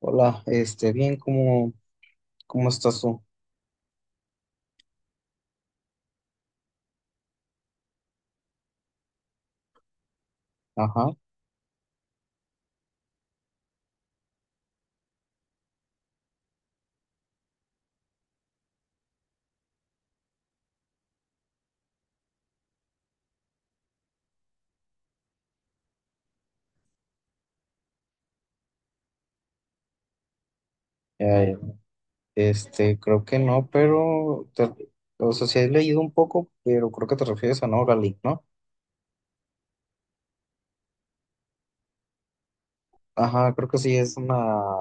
Hola, bien, ¿cómo estás tú? Ajá, ya, ya. Creo que no, pero, o sea, sí he leído un poco, pero creo que te refieres a Neuralink, ¿no? Ajá, creo que sí, es una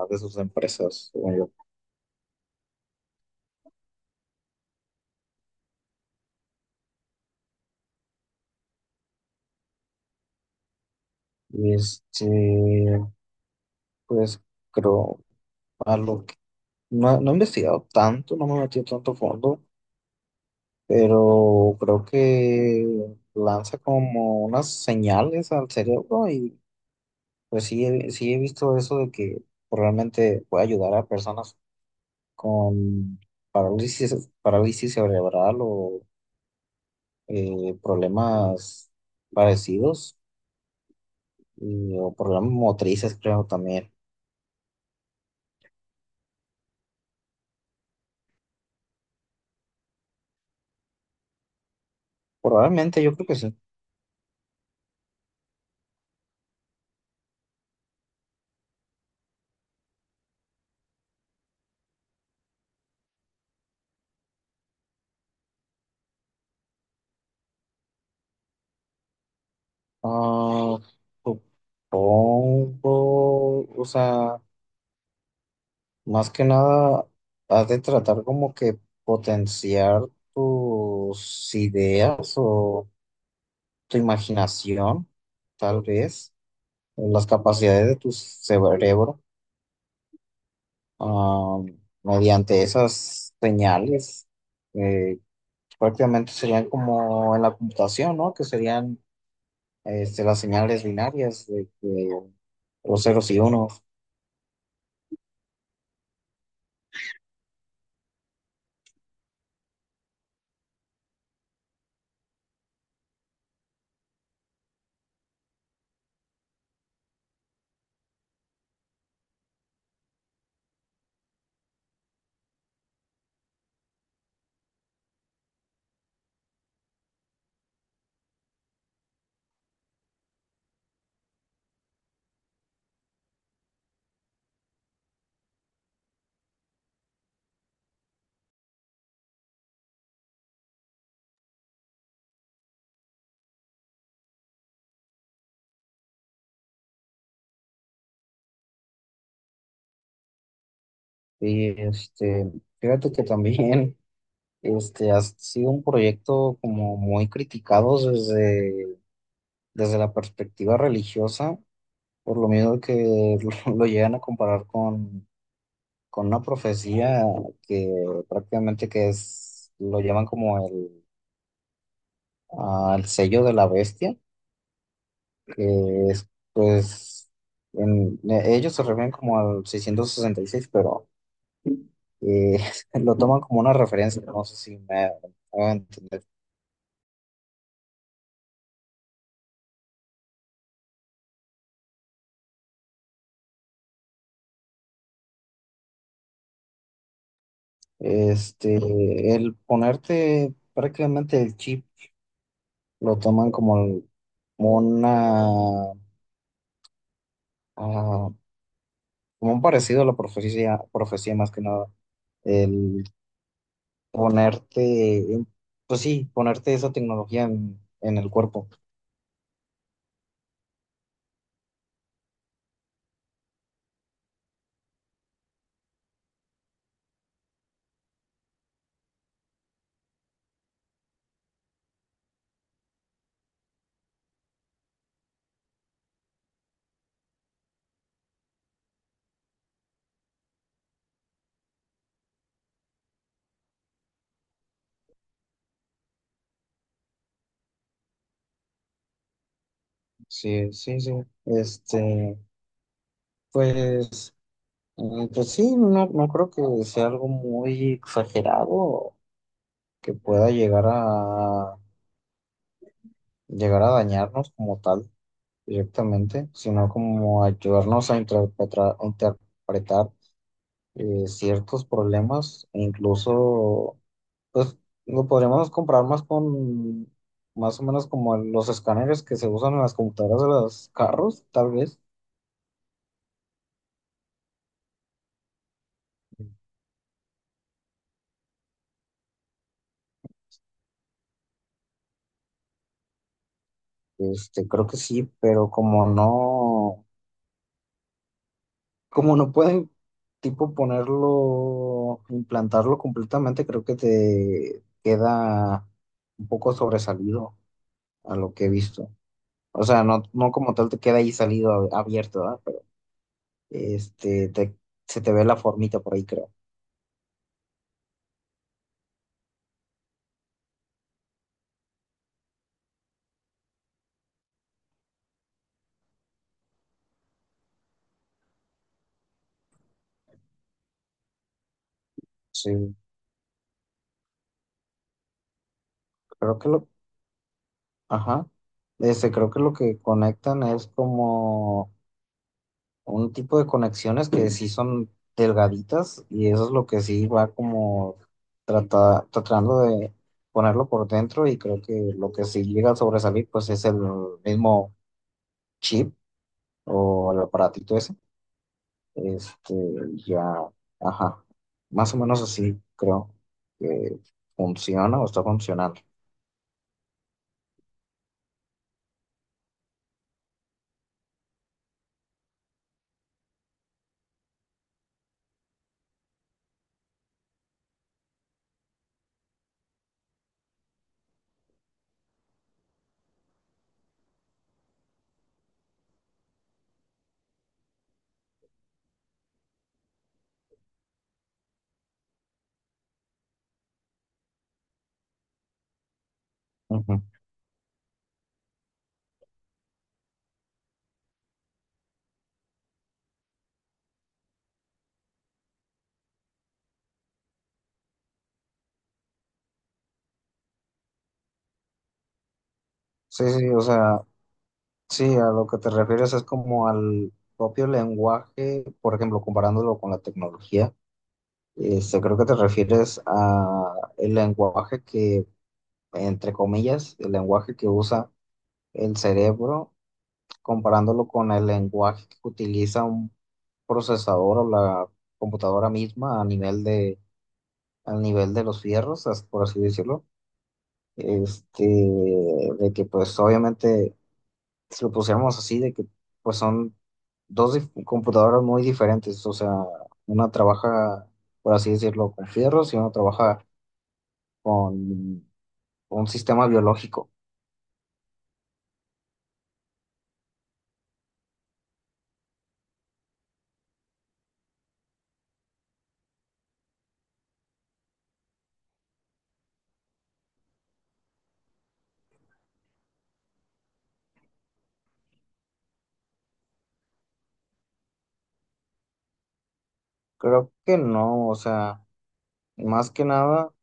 de sus empresas, según yo. Este, pues, creo, a lo que, No, no he investigado tanto, no me he metido tanto fondo, pero creo que lanza como unas señales al cerebro. Pues sí, sí he visto eso de que realmente puede ayudar a personas con parálisis, parálisis cerebral o problemas parecidos o problemas motrices, creo también. Probablemente, yo creo que sí. Ah, Supongo, o sea, más que nada, has de tratar como que potenciar tus ideas o tu imaginación, tal vez. Las capacidades de tu cerebro, ah, mediante esas señales, eh, prácticamente serían como en la computación, ¿no? Que serían, las señales binarias de los ceros y unos. Y fíjate que también, ha sido un proyecto como muy criticado desde la perspectiva religiosa, por lo mismo que lo, llegan a comparar con una profecía que prácticamente que es, lo llaman como el sello de la bestia, que es, pues, ellos se refieren como al 666, pero eh, lo toman como una referencia, no sé si me voy a entender. Este, el ponerte prácticamente el chip, lo toman como, como una, ah, como un parecido a la profecía, profecía más que nada. El ponerte, en- pues sí, ponerte esa tecnología en el cuerpo. Sí, sí, sí. Este, pues, mm, pues sí, no, no creo que sea algo muy exagerado que pueda llegar a llegar a dañarnos como tal directamente, sino como ayudarnos a interpretar, interpretar ciertos problemas, e incluso, pues lo podríamos comparar más más o menos como los escáneres que se usan en las computadoras de los carros, tal vez. Creo que sí, pero como no pueden, tipo, ponerlo, implantarlo completamente, creo que te queda un poco sobresalido a lo que he visto. O sea, no, no como tal te queda ahí salido abierto, ¿verdad? Este, te- Se te ve la formita por ahí, creo. Sí, creo que lo, ajá. Creo que lo que conectan es como un tipo de conexiones que sí son delgaditas y eso es lo que sí va como tratando de ponerlo por dentro, y creo que lo que sí llega a sobresalir pues es el mismo chip o el aparatito ese. Este, ya, ajá. Más o menos así creo que funciona o está funcionando. Ujú. Sí, sí, o sea, sí, a lo que te refieres es como al propio lenguaje, por ejemplo, comparándolo con la tecnología, creo que te refieres a el lenguaje que, entre comillas, el lenguaje que usa el cerebro, comparándolo con el lenguaje que utiliza un procesador o la computadora misma al nivel de los fierros, por así decirlo, de que pues obviamente si lo pusiéramos así, de que pues son computadoras muy diferentes, o sea, una trabaja, por así decirlo, con fierros y una trabaja con un sistema biológico. Creo que no, o sea, más que nada,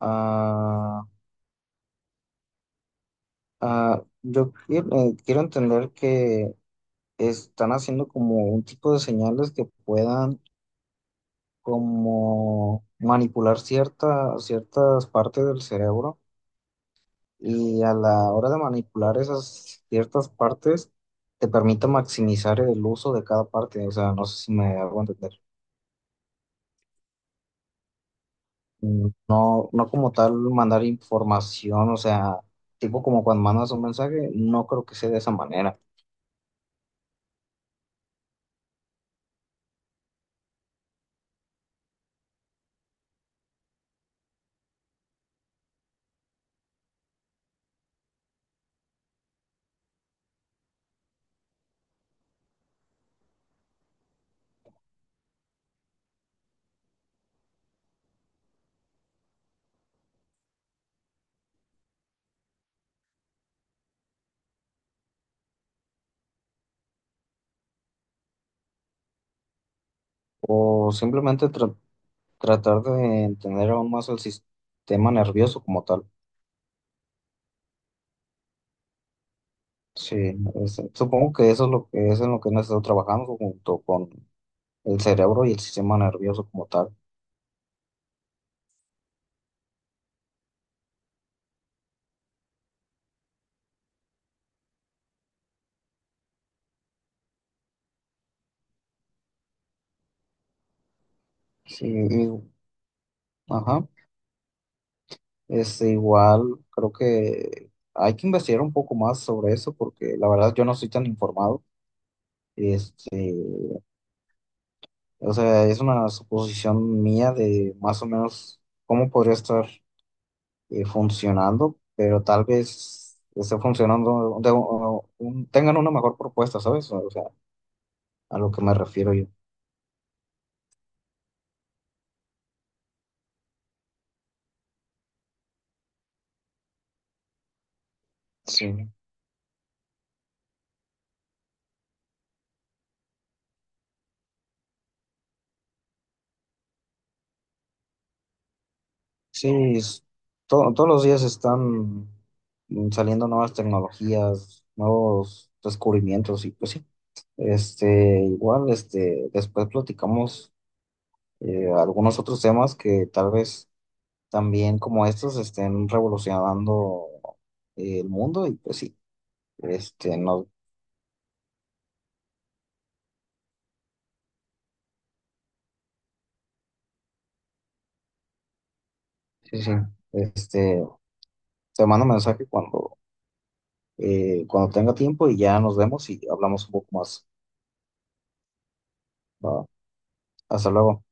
ah, quiero entender que están haciendo como un tipo de señales que puedan como manipular cierta, ciertas partes del cerebro, y a la hora de manipular esas ciertas partes, te permite maximizar el uso de cada parte. O sea, no sé si me hago entender. Mm, no, no como tal mandar información, o sea, tipo como cuando mandas un mensaje, no creo que sea de esa manera. O simplemente tratar de entender aún más el sistema nervioso como tal. Sí, supongo que eso es lo que es en lo que hemos estado trabajando junto con el cerebro y el sistema nervioso como tal. Sí, ajá. Igual creo que hay que investigar un poco más sobre eso porque la verdad yo no estoy tan informado. Este, o sea, es una suposición mía de más o menos cómo podría estar funcionando, pero tal vez esté funcionando, tengan una mejor propuesta, ¿sabes? O sea, a lo que me refiero yo. Sí, sí, es- todos los días están saliendo nuevas tecnologías, nuevos descubrimientos y pues sí. Después platicamos algunos otros temas que tal vez también como estos estén revolucionando el mundo, y pues sí, este, no, sí, sí, este, te mando mensaje cuando, cuando tenga tiempo y ya nos vemos y hablamos un poco más. Va. Hasta luego.